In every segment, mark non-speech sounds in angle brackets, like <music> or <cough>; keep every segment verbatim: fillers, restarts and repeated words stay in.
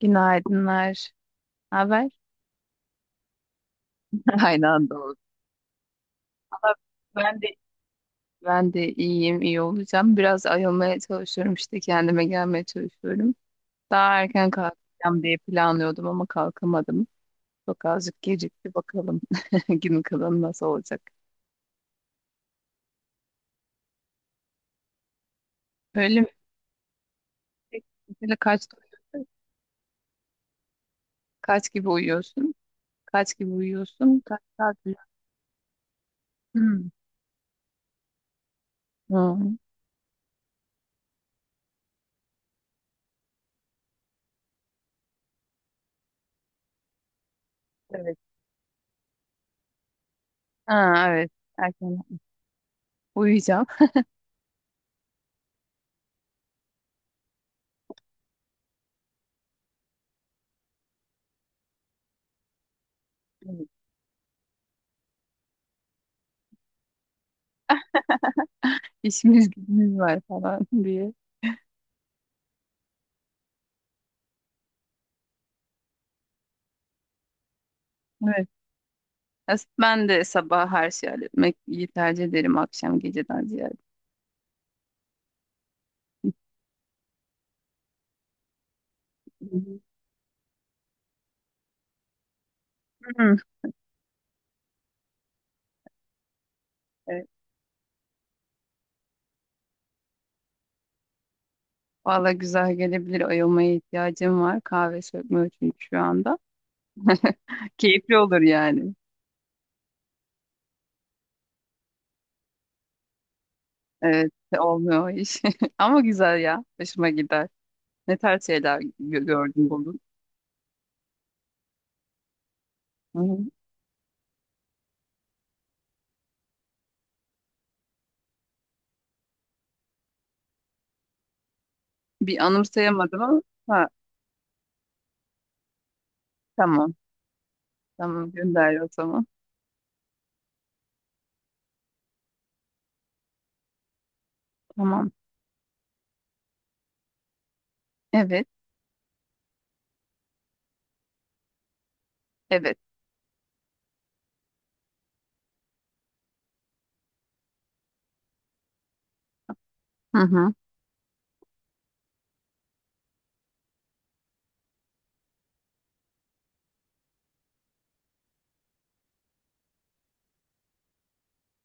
Günaydınlar. Ne haber? <laughs> Aynı anda oldu. Ama Ben de ben de iyiyim, iyi olacağım. Biraz ayılmaya çalışıyorum işte kendime gelmeye çalışıyorum. Daha erken kalkacağım diye planlıyordum ama kalkamadım. Çok azıcık gecikti bakalım, <laughs> gün kalanı nasıl olacak. Öyle mi? Peki, Mesela kaç kaç gibi uyuyorsun? Kaç gibi uyuyorsun? Kaç saat uyuyorsun? Hmm. Hmm. Evet. Ha, evet. Erken uyuyacağım. <laughs> İşimiz gücümüz var falan diye. Evet. As- Ben de sabah her şeyi halletmeyi tercih ederim, akşam geceden ziyade. Hı hı. Evet. Valla güzel gelebilir. Ayılmaya ihtiyacım var. Kahve sökmüyor çünkü şu anda. <laughs> Keyifli olur yani. Evet, olmuyor o iş. <laughs> Ama güzel ya. Hoşuma gider. Ne tarz şeyler gö- gördün, buldun? Hı hı. Bir anımsayamadım ama ha, tamam. Tamam, gönder o zaman. Tamam. Evet. Evet. Hı hı.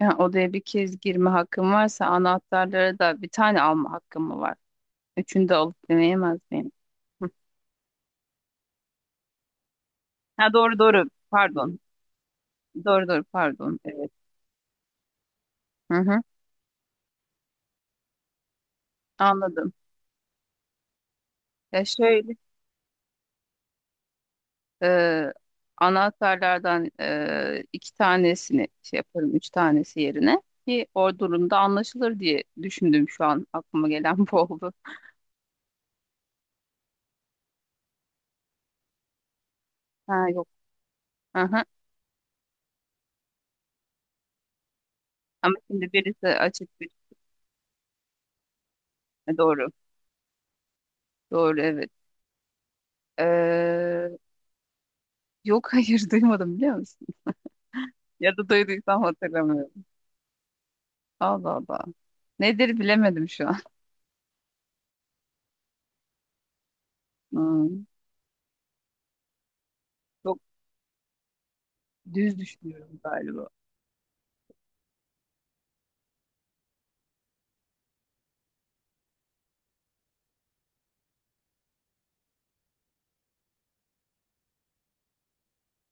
Yani odaya bir kez girme hakkım varsa, anahtarlara da bir tane alma hakkım mı var? Üçünü de alıp deneyemez miyim? Hı. Ha, doğru doğru. Pardon. Doğru doğru, pardon. Evet. Hı hı. Anladım. Ya şöyle, e, anahtarlardan e, iki tanesini şey yaparım. Üç tanesi yerine ki o durumda anlaşılır diye düşündüm şu an. Aklıma gelen bu oldu. Ha yok. Hı hı. Ama şimdi birisi açık bir. Ha, doğru. Doğru, evet. E, Yok, hayır, <laughs> duymadım biliyor musun? Ya da duyduysam hatırlamıyorum. Allah Allah. Nedir bilemedim şu an. Hmm, çok düz düşünüyorum galiba.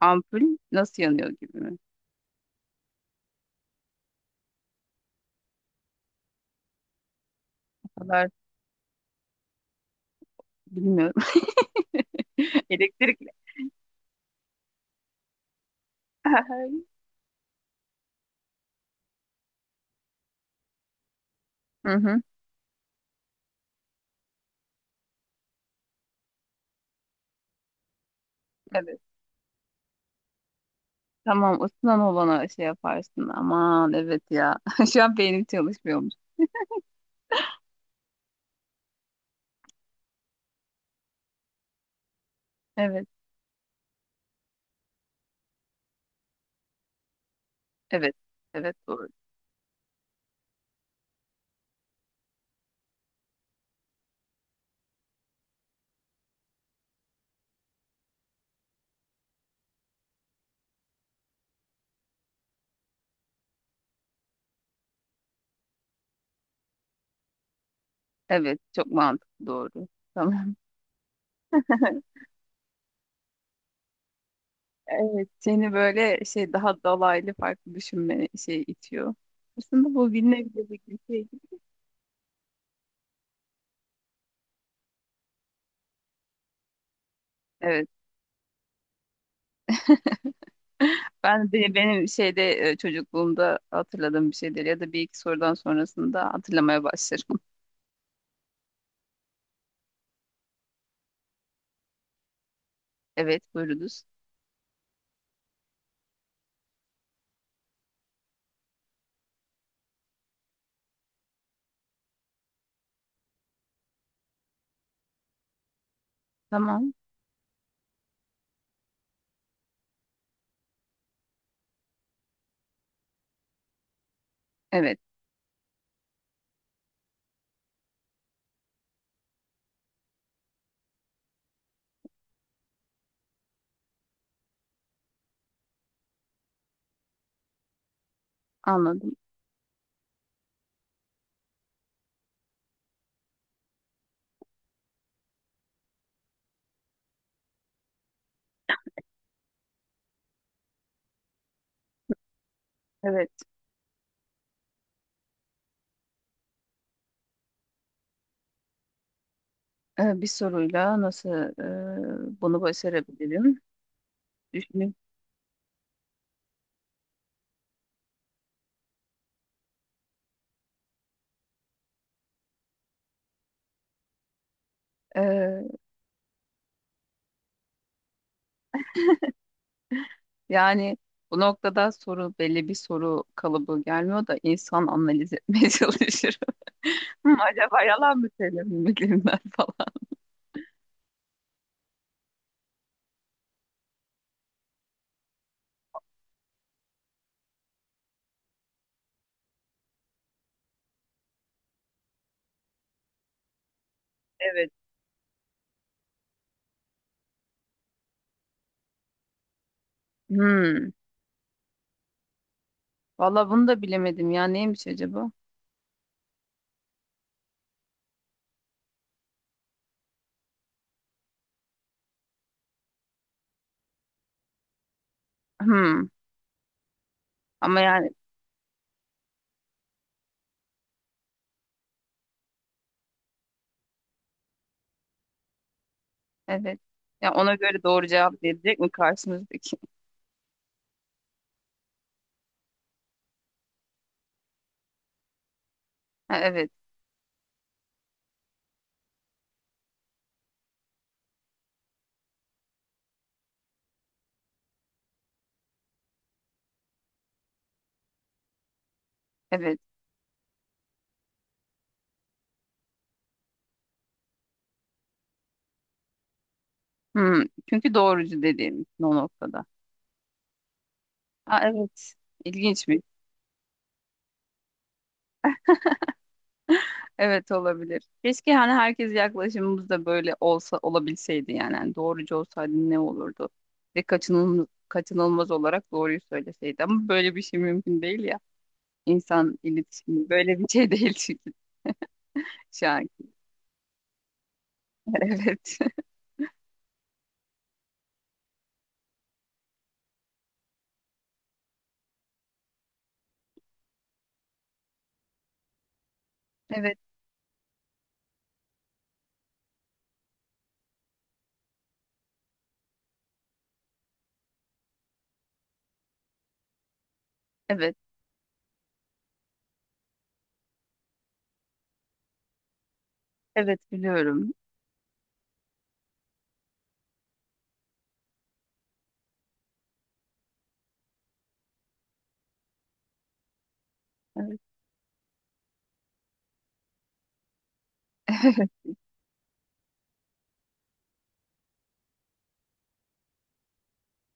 Ampul nasıl yanıyor gibi mi? O kadar bilmiyorum. <laughs> Elektrikle. <laughs> Hı hı. Evet. Tamam, ısınan olana şey yaparsın. Aman evet ya. <laughs> Şu an beynim çalışmıyormuş. Evet. Evet. Evet, doğru. Evet, çok mantıklı, doğru. Tamam. <laughs> Evet, seni böyle şey, daha dolaylı farklı düşünme şey itiyor. Aslında bu bilinebilecek bir şey. Evet. Ben de benim şeyde, e, çocukluğumda hatırladığım bir şeyler ya da bir iki sorudan sonrasında hatırlamaya başlarım. <laughs> Evet, buyurunuz. Tamam. Evet, anladım. Evet, e, bir soruyla nasıl e, bunu başarabilirim? Düşünün. E, Yani bu noktada soru, belli bir soru kalıbı gelmiyor da insan analiz etmeye <laughs> çalışır. Hmm, acaba yalan mı söylemiyorum ben <laughs> falan. Evet. Hmm. Valla bunu da bilemedim ya, neymiş acaba? Hmm. Ama yani evet. Ya ona göre doğru cevap verecek mi karşımızdaki? <laughs> Ha, evet. Evet. Hmm. Çünkü doğrucu dediğim için o noktada. Ha, evet. İlginç bir. Evet, olabilir. Keşke hani herkes, yaklaşımımız da böyle olsa olabilseydi yani. Hani doğrucu olsaydı ne olurdu? Ve kaçınılmaz, kaçınılmaz olarak doğruyu söyleseydi. Ama böyle bir şey mümkün değil ya. İnsan iletişimi böyle bir şey <laughs> değil çünkü şu an. <laughs> Evet. <laughs> Evet. Evet. Evet, biliyorum. Evet. <laughs>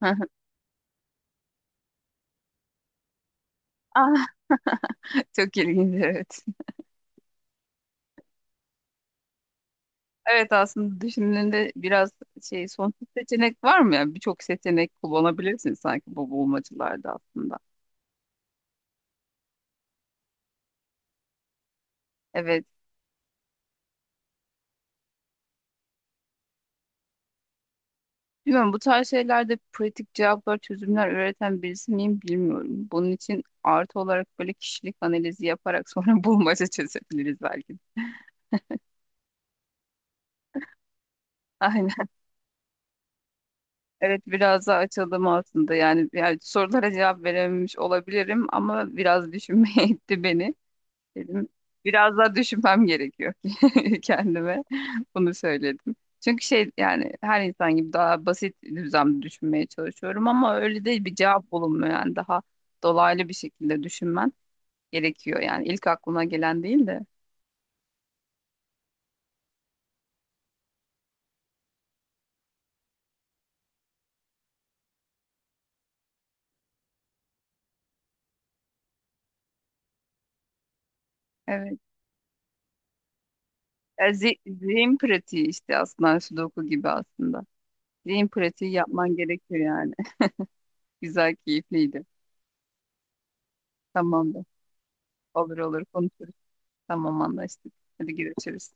<laughs> Ah. Çok ilginç, evet. Evet, aslında düşündüğünde biraz şey, sonsuz seçenek var mı yani, birçok seçenek kullanabilirsin sanki bu bulmacalarda aslında. Evet. Bilmiyorum, bu tarz şeylerde pratik cevaplar, çözümler üreten birisi miyim bilmiyorum. Bunun için artı olarak böyle kişilik analizi yaparak sonra <laughs> bulmaca çözebiliriz belki. Aynen. Evet, biraz daha açıldım aslında. Yani, yani sorulara cevap verememiş olabilirim ama biraz düşünmeye <laughs> itti beni. Dedim biraz daha düşünmem gerekiyor <laughs> kendime. Bunu söyledim. Çünkü şey, yani her insan gibi daha basit düzlemde düşünmeye çalışıyorum ama öyle değil, bir cevap bulunmuyor, yani daha dolaylı bir şekilde düşünmen gerekiyor yani, ilk aklına gelen değil de. Evet. E, zi- zihin pratiği işte, aslında sudoku gibi aslında. Zihin pratiği yapman gerekiyor yani. <laughs> Güzel, keyifliydi. Tamamdır. Olur olur, konuşuruz. Tamam, anlaştık. Hadi görüşürüz.